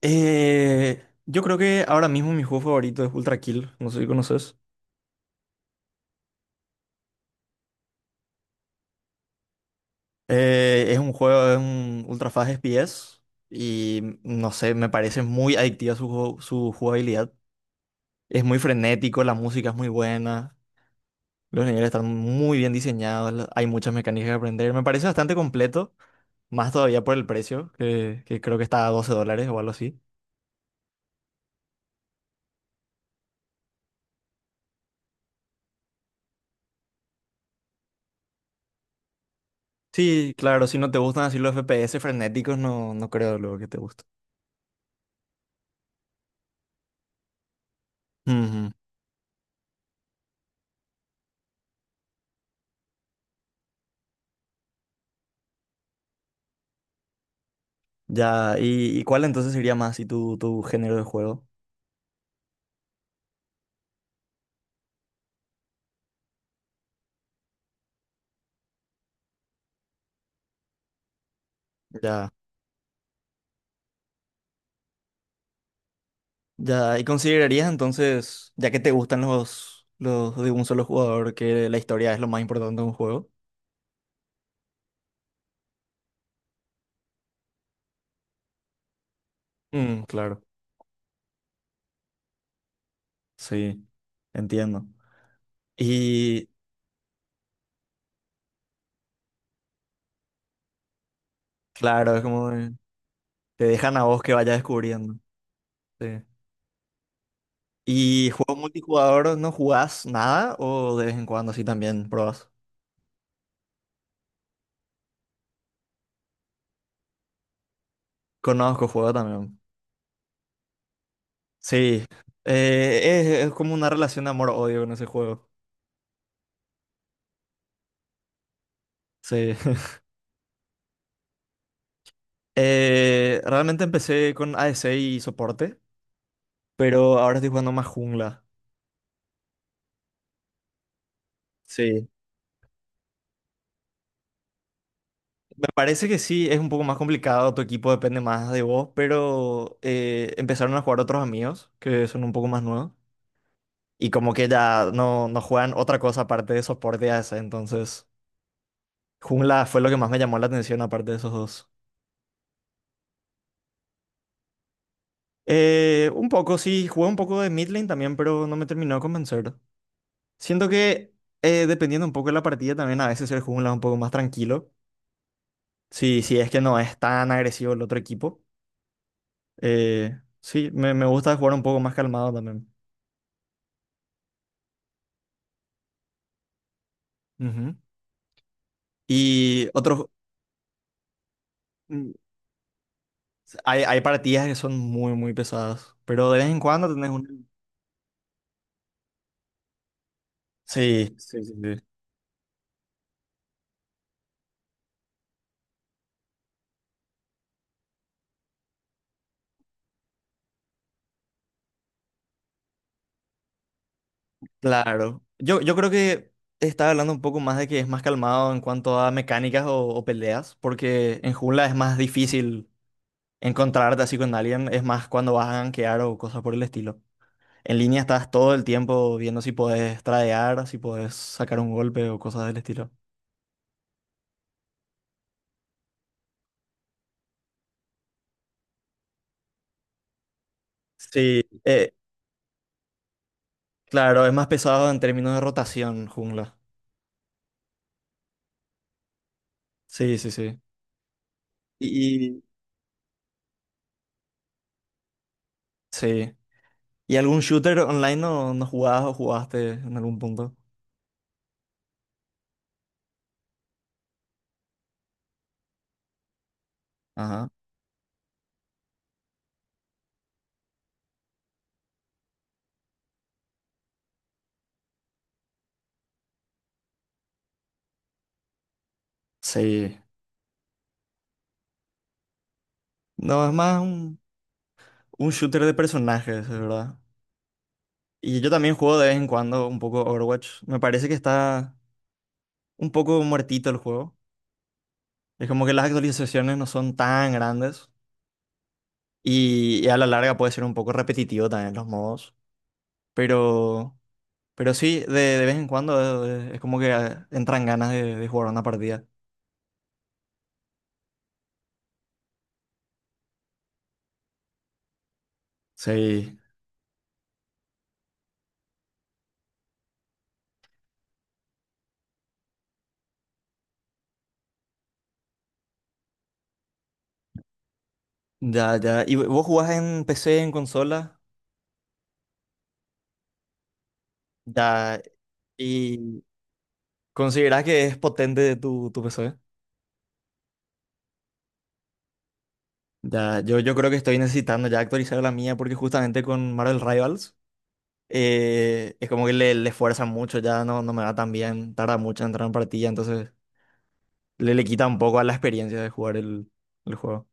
Yo creo que ahora mismo mi juego favorito es Ultra Kill, no sé si conoces. Es un juego, es un Ultra Fast FPS y no sé, me parece muy adictiva su jugabilidad. Es muy frenético, la música es muy buena, los niveles están muy bien diseñados, hay muchas mecánicas que aprender. Me parece bastante completo, más todavía por el precio, que creo que está a $12 o algo así. Sí, claro, si no te gustan así los FPS frenéticos, no, no creo luego que te guste. Ya, ¿y cuál entonces sería más y tu género de juego? Ya, ya, ¿y considerarías entonces, ya que te gustan los de un solo jugador, que la historia es lo más importante de un juego? Mm, claro. Sí, entiendo. Y claro, es como que te dejan a vos que vayas descubriendo. Sí. ¿Y juego multijugador no jugás nada o de vez en cuando sí también probás? Conozco juego también. Sí, es como una relación de amor-odio con ese juego. Sí. Realmente empecé con ADC y soporte, pero ahora estoy jugando más jungla. Sí. Me parece que sí, es un poco más complicado, tu equipo depende más de vos, pero empezaron a jugar otros amigos que son un poco más nuevos y como que ya no, no juegan otra cosa aparte de soporte y ADC, entonces jungla fue lo que más me llamó la atención aparte de esos dos. Un poco, sí, jugué un poco de mid lane también, pero no me terminó de convencer. Siento que dependiendo un poco de la partida también a veces el jungla es un poco más tranquilo. Sí, sí, es que no es tan agresivo el otro equipo. Sí, me gusta jugar un poco más calmado también. Ujú. Y otros, mm, hay partidas que son muy, muy pesadas, pero de vez en cuando tenés un... Sí, sí, sí, sí. Claro. Yo creo que estaba hablando un poco más de que es más calmado en cuanto a mecánicas o peleas, porque en jungla es más difícil encontrarte así con alguien, es más cuando vas a gankear o cosas por el estilo. En línea estás todo el tiempo viendo si podés tradear, si podés sacar un golpe o cosas del estilo. Sí, claro, es más pesado en términos de rotación, jungla. Sí, sí, sí. Y sí. ¿Y algún shooter online no, no jugabas o jugaste en algún punto? Ajá. Sí. No, es más un shooter de personajes, es verdad. Y yo también juego de vez en cuando un poco Overwatch. Me parece que está un poco muertito el juego. Es como que las actualizaciones no son tan grandes. Y a la larga puede ser un poco repetitivo también los modos. Pero, pero sí, de vez en cuando es, como que entran ganas de jugar una partida. Sí, ya, ya. ¿Y vos jugás en PC, en consola? Ya. ¿Y considerás que es potente tu PC? Ya, yo creo que estoy necesitando ya actualizar la mía porque justamente con Marvel Rivals es como que le fuerzan mucho, ya no, no me va tan bien, tarda mucho en entrar en partida, entonces le quita un poco a la experiencia de jugar el juego.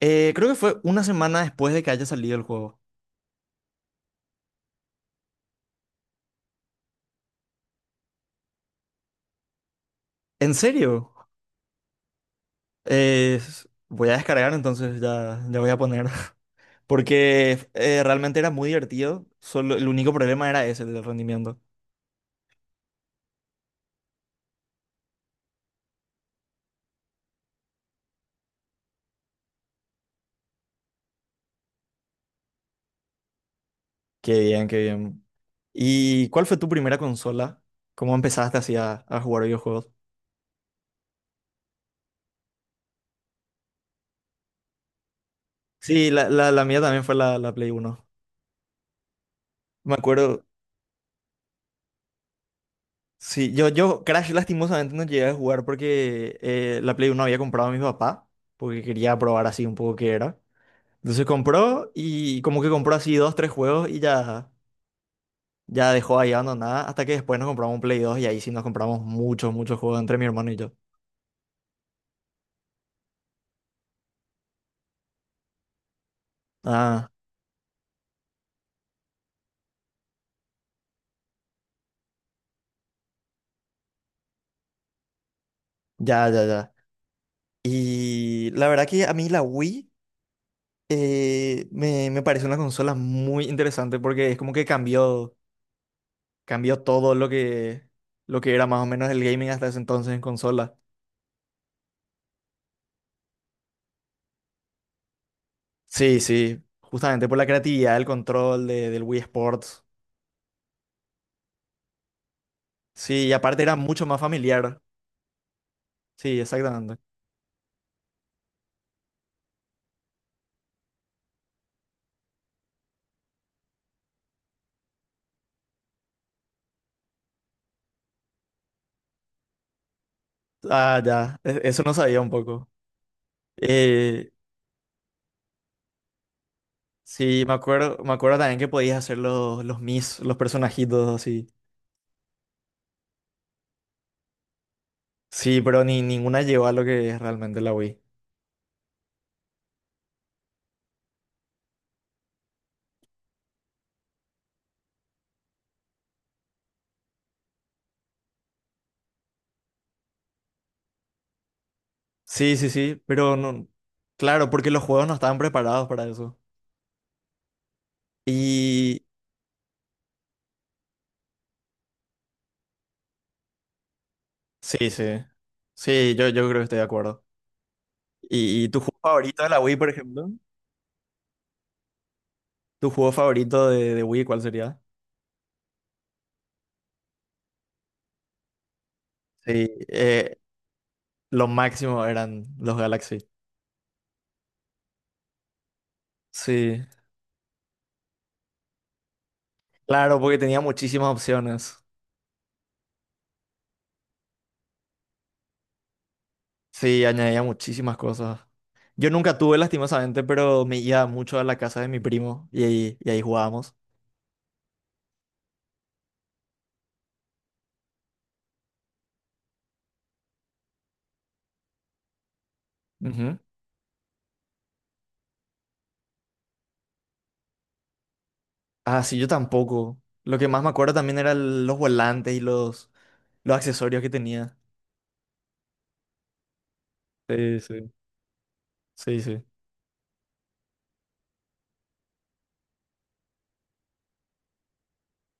Creo que fue una semana después de que haya salido el juego. ¿En serio? Eh, voy a descargar entonces, ya, ya voy a poner. Porque realmente era muy divertido, solo el único problema era ese, el del rendimiento. Qué bien, qué bien. ¿Y cuál fue tu primera consola? ¿Cómo empezaste así a jugar videojuegos? Sí, la mía también fue la Play 1. Me acuerdo. Sí, yo Crash lastimosamente no llegué a jugar porque la Play 1 había comprado a mi papá, porque quería probar así un poco qué era. Entonces compró y como que compró así dos, tres juegos y ya, ya dejó ahí abandonada hasta que después nos compramos un Play 2 y ahí sí nos compramos muchos, muchos juegos entre mi hermano y yo. Ah, ya, ya, ya. Y la verdad que a mí la Wii me parece una consola muy interesante porque es como que cambió, cambió todo lo que era más o menos el gaming hasta ese entonces en consola. Sí, sí, justamente por la creatividad, el del Wii Sports. Sí, y aparte era mucho más familiar. Sí, exactamente. Ah, ya, eso no sabía un poco. Eh, sí, me acuerdo también que podías hacer los Mis, los personajitos así. Sí, pero ni ninguna llegó a lo que es realmente la Wii. Sí, sí, sí, pero no, claro, porque los juegos no estaban preparados para eso. Y sí, sí, sí, yo creo que estoy de acuerdo. ¿Y tu juego favorito de la Wii, por ejemplo? ¿Tu juego favorito de Wii cuál sería? Sí, lo máximo eran los Galaxy. Sí, claro, porque tenía muchísimas opciones. Sí, añadía muchísimas cosas. Yo nunca tuve, lastimosamente, pero me iba mucho a la casa de mi primo y ahí jugábamos. Ujú. Ah, sí, yo tampoco. Lo que más me acuerdo también eran los volantes y los accesorios que tenía. Sí, sí. Sí, sí.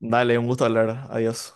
Dale, un gusto hablar. Adiós.